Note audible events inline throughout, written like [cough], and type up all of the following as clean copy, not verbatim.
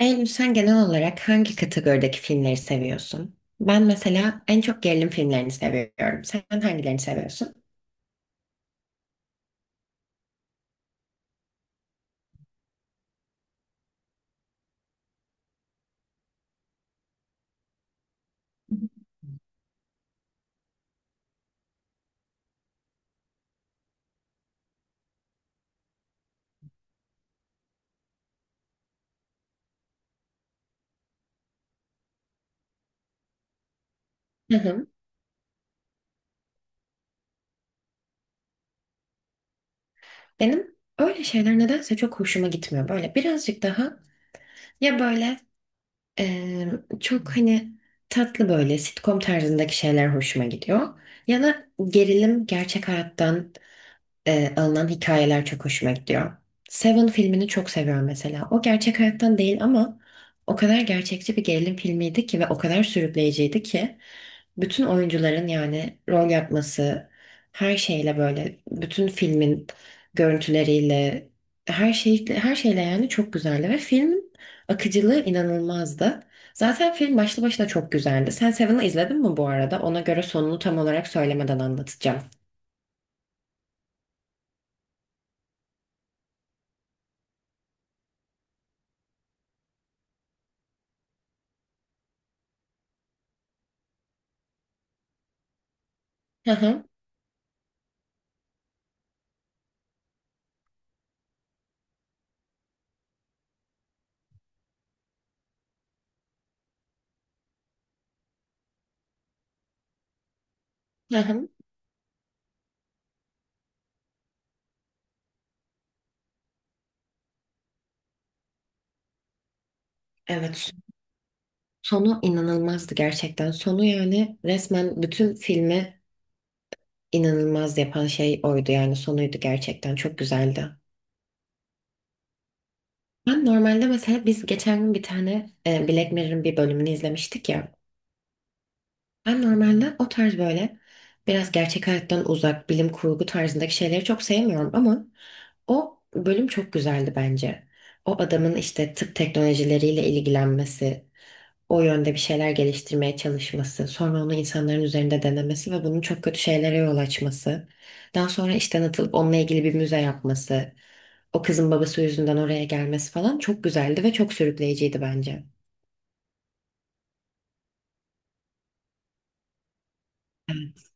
Eylül, sen genel olarak hangi kategorideki filmleri seviyorsun? Ben mesela en çok gerilim filmlerini seviyorum. Sen hangilerini seviyorsun? Hı hı. Benim öyle şeyler nedense çok hoşuma gitmiyor. Böyle birazcık daha ya böyle eee, çok hani tatlı böyle sitcom tarzındaki şeyler hoşuma gidiyor. Ya da gerilim gerçek hayattan alınan hikayeler çok hoşuma gidiyor. Seven filmini çok seviyorum mesela. O gerçek hayattan değil ama o kadar gerçekçi bir gerilim filmiydi ki ve o kadar sürükleyiciydi ki bütün oyuncuların yani rol yapması, her şeyle böyle bütün filmin görüntüleriyle her şeyle yani çok güzeldi ve filmin akıcılığı inanılmazdı. Zaten film başlı başına çok güzeldi. Sen Seven'ı izledin mi bu arada? Ona göre sonunu tam olarak söylemeden anlatacağım. Hı hı, hı hı. Evet. Sonu inanılmazdı gerçekten. Sonu yani resmen bütün filmi inanılmaz yapan şey oydu yani sonuydu gerçekten çok güzeldi. Ben normalde mesela biz geçen gün bir tane Black Mirror'ın bir bölümünü izlemiştik ya. Ben normalde o tarz böyle biraz gerçek hayattan uzak bilim kurgu tarzındaki şeyleri çok sevmiyorum ama o bölüm çok güzeldi bence. O adamın işte tıp teknolojileriyle ilgilenmesi, o yönde bir şeyler geliştirmeye çalışması, sonra onu insanların üzerinde denemesi ve bunun çok kötü şeylere yol açması, daha sonra işten atılıp onunla ilgili bir müze yapması, o kızın babası yüzünden oraya gelmesi falan çok güzeldi ve çok sürükleyiciydi bence. Evet,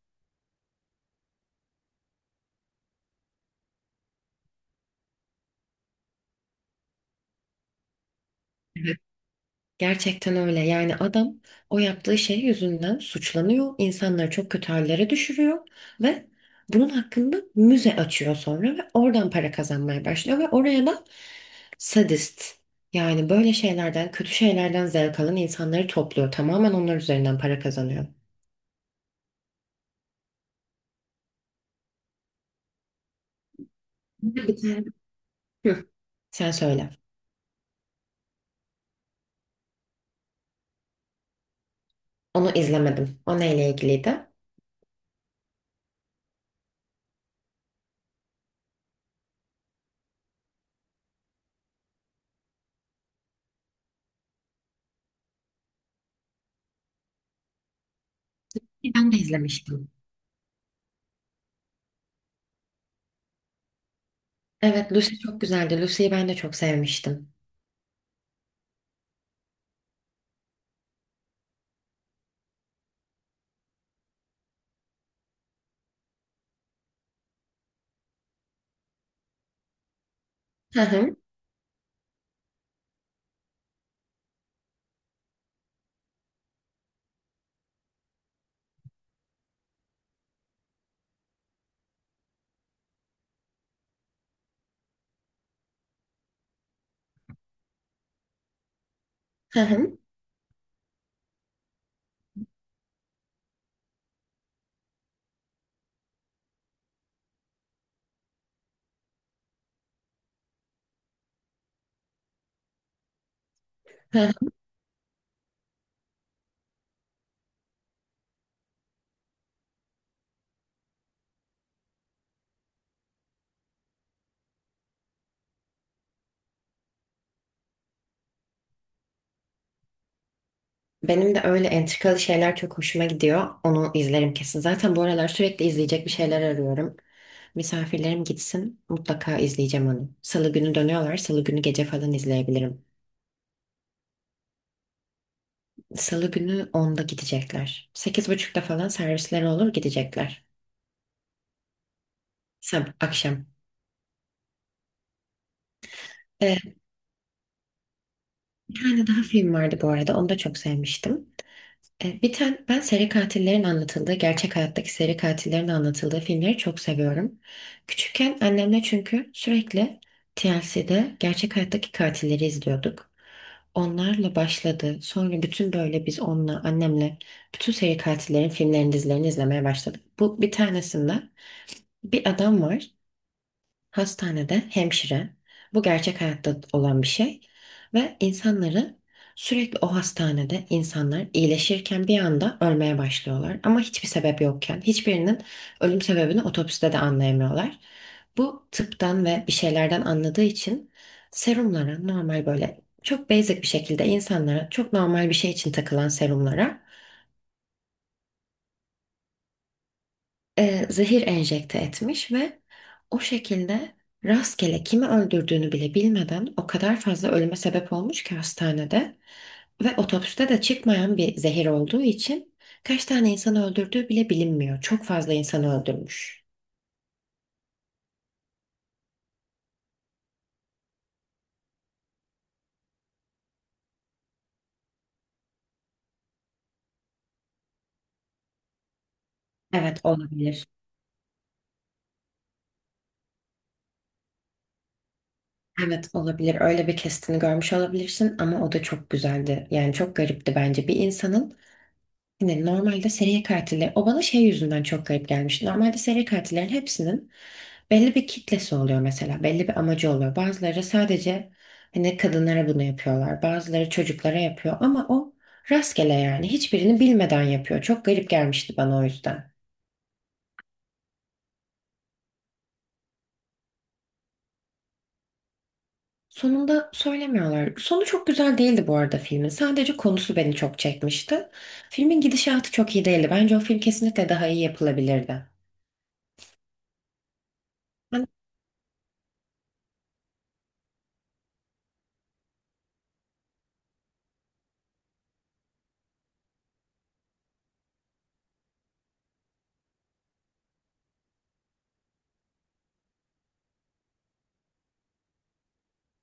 evet. Gerçekten öyle. Yani adam o yaptığı şey yüzünden suçlanıyor, insanları çok kötü hallere düşürüyor ve bunun hakkında müze açıyor sonra ve oradan para kazanmaya başlıyor ve oraya da sadist. Yani böyle şeylerden, kötü şeylerden zevk alan insanları topluyor. Tamamen onlar üzerinden para kazanıyor. Bir de bir tane Hı, sen söyle. Onu izlemedim. O neyle ilgiliydi? Ben de izlemiştim. Evet, Lucy çok güzeldi. Lucy'yi ben de çok sevmiştim. Hı hı, hı hı. hı Benim de öyle entrikalı şeyler çok hoşuma gidiyor. Onu izlerim kesin. Zaten bu aralar sürekli izleyecek bir şeyler arıyorum. Misafirlerim gitsin mutlaka izleyeceğim onu. Salı günü dönüyorlar. Salı günü gece falan izleyebilirim. Salı günü onda gidecekler. Sekiz buçukta falan servisleri olur gidecekler. Akşam. Ee, bir tane daha film vardı bu arada. Onu da çok sevmiştim. Bir tane ben seri katillerin anlatıldığı, gerçek hayattaki seri katillerin anlatıldığı filmleri çok seviyorum. Küçükken annemle çünkü sürekli TLC'de gerçek hayattaki katilleri izliyorduk. Onlarla başladı. Sonra bütün böyle biz onunla, annemle bütün seri katillerin filmlerini, dizilerini izlemeye başladık. Bu bir tanesinde bir adam var. Hastanede hemşire, bu gerçek hayatta olan bir şey ve insanları sürekli o hastanede insanlar iyileşirken bir anda ölmeye başlıyorlar ama hiçbir sebep yokken hiçbirinin ölüm sebebini otopside de anlayamıyorlar. Bu tıptan ve bir şeylerden anladığı için serumlara normal böyle çok basic bir şekilde insanlara çok normal bir şey için takılan serumlara zehir enjekte etmiş ve o şekilde rastgele kimi öldürdüğünü bile bilmeden o kadar fazla ölüme sebep olmuş ki hastanede ve otopside de çıkmayan bir zehir olduğu için kaç tane insanı öldürdüğü bile bilinmiyor. Çok fazla insanı öldürmüş. Evet olabilir. Evet olabilir. Öyle bir kestini görmüş olabilirsin ama o da çok güzeldi. Yani çok garipti bence bir insanın hani normalde seri katiller, o bana şey yüzünden çok garip gelmiş. Normalde seri katillerin hepsinin belli bir kitlesi oluyor mesela. Belli bir amacı oluyor. Bazıları sadece hani kadınlara bunu yapıyorlar. Bazıları çocuklara yapıyor ama o rastgele yani. Hiçbirini bilmeden yapıyor. Çok garip gelmişti bana o yüzden. Sonunda söylemiyorlar. Sonu çok güzel değildi bu arada filmin. Sadece konusu beni çok çekmişti. Filmin gidişatı çok iyi değildi. Bence o film kesinlikle daha iyi yapılabilirdi. Ben,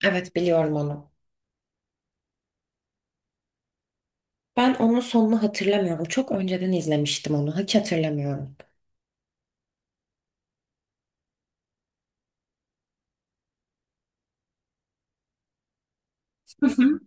evet biliyorum onu. Ben onun sonunu hatırlamıyorum. Çok önceden izlemiştim onu. Hiç hatırlamıyorum. Hı hı.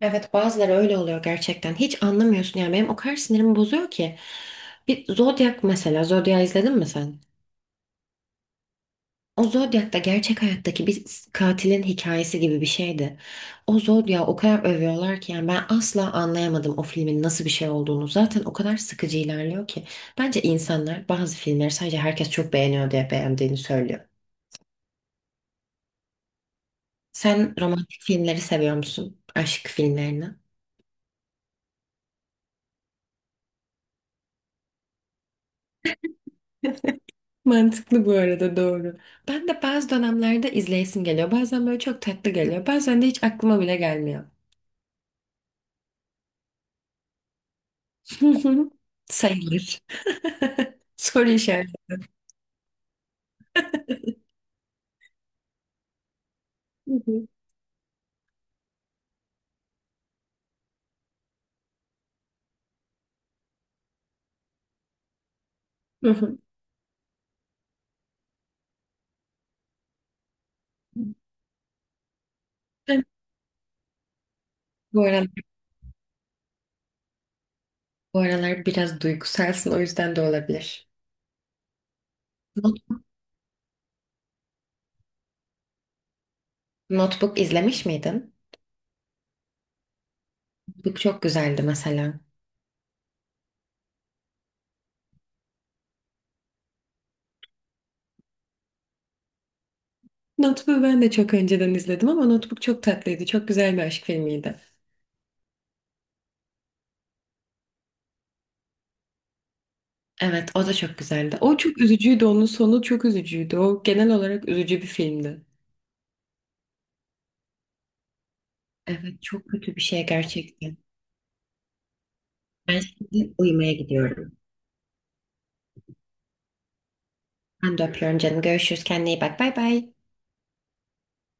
Evet bazıları öyle oluyor gerçekten. Hiç anlamıyorsun yani benim o kadar sinirimi bozuyor ki. Bir Zodiac mesela Zodiac izledin mi sen? O Zodiac da gerçek hayattaki bir katilin hikayesi gibi bir şeydi. O Zodiac'ı o kadar övüyorlar ki yani ben asla anlayamadım o filmin nasıl bir şey olduğunu. Zaten o kadar sıkıcı ilerliyor ki. Bence insanlar bazı filmleri sadece herkes çok beğeniyor diye beğendiğini söylüyor. Sen romantik filmleri seviyor musun? Aşk filmlerini? Mantıklı bu arada, doğru. Ben de bazı dönemlerde izleyesim geliyor. Bazen böyle çok tatlı geliyor. Bazen de hiç aklıma bile gelmiyor. [laughs] Sayılır. [laughs] Soru işareti. Hı hı. Hı hı. Ben Bu aralar, bu aralar biraz duygusalsın o yüzden de olabilir. Not- Notebook izlemiş miydin? Notebook çok güzeldi mesela. Notebook'u ben de çok önceden izledim ama Notebook çok tatlıydı. Çok güzel bir aşk filmiydi. Evet, o da çok güzeldi. O çok üzücüydü, onun sonu çok üzücüydü. O genel olarak üzücü bir filmdi. Evet, çok kötü bir şey gerçekten. Ben şimdi uyumaya gidiyorum. Ben de öpüyorum canım. Görüşürüz. Kendine iyi bak. Bay bay.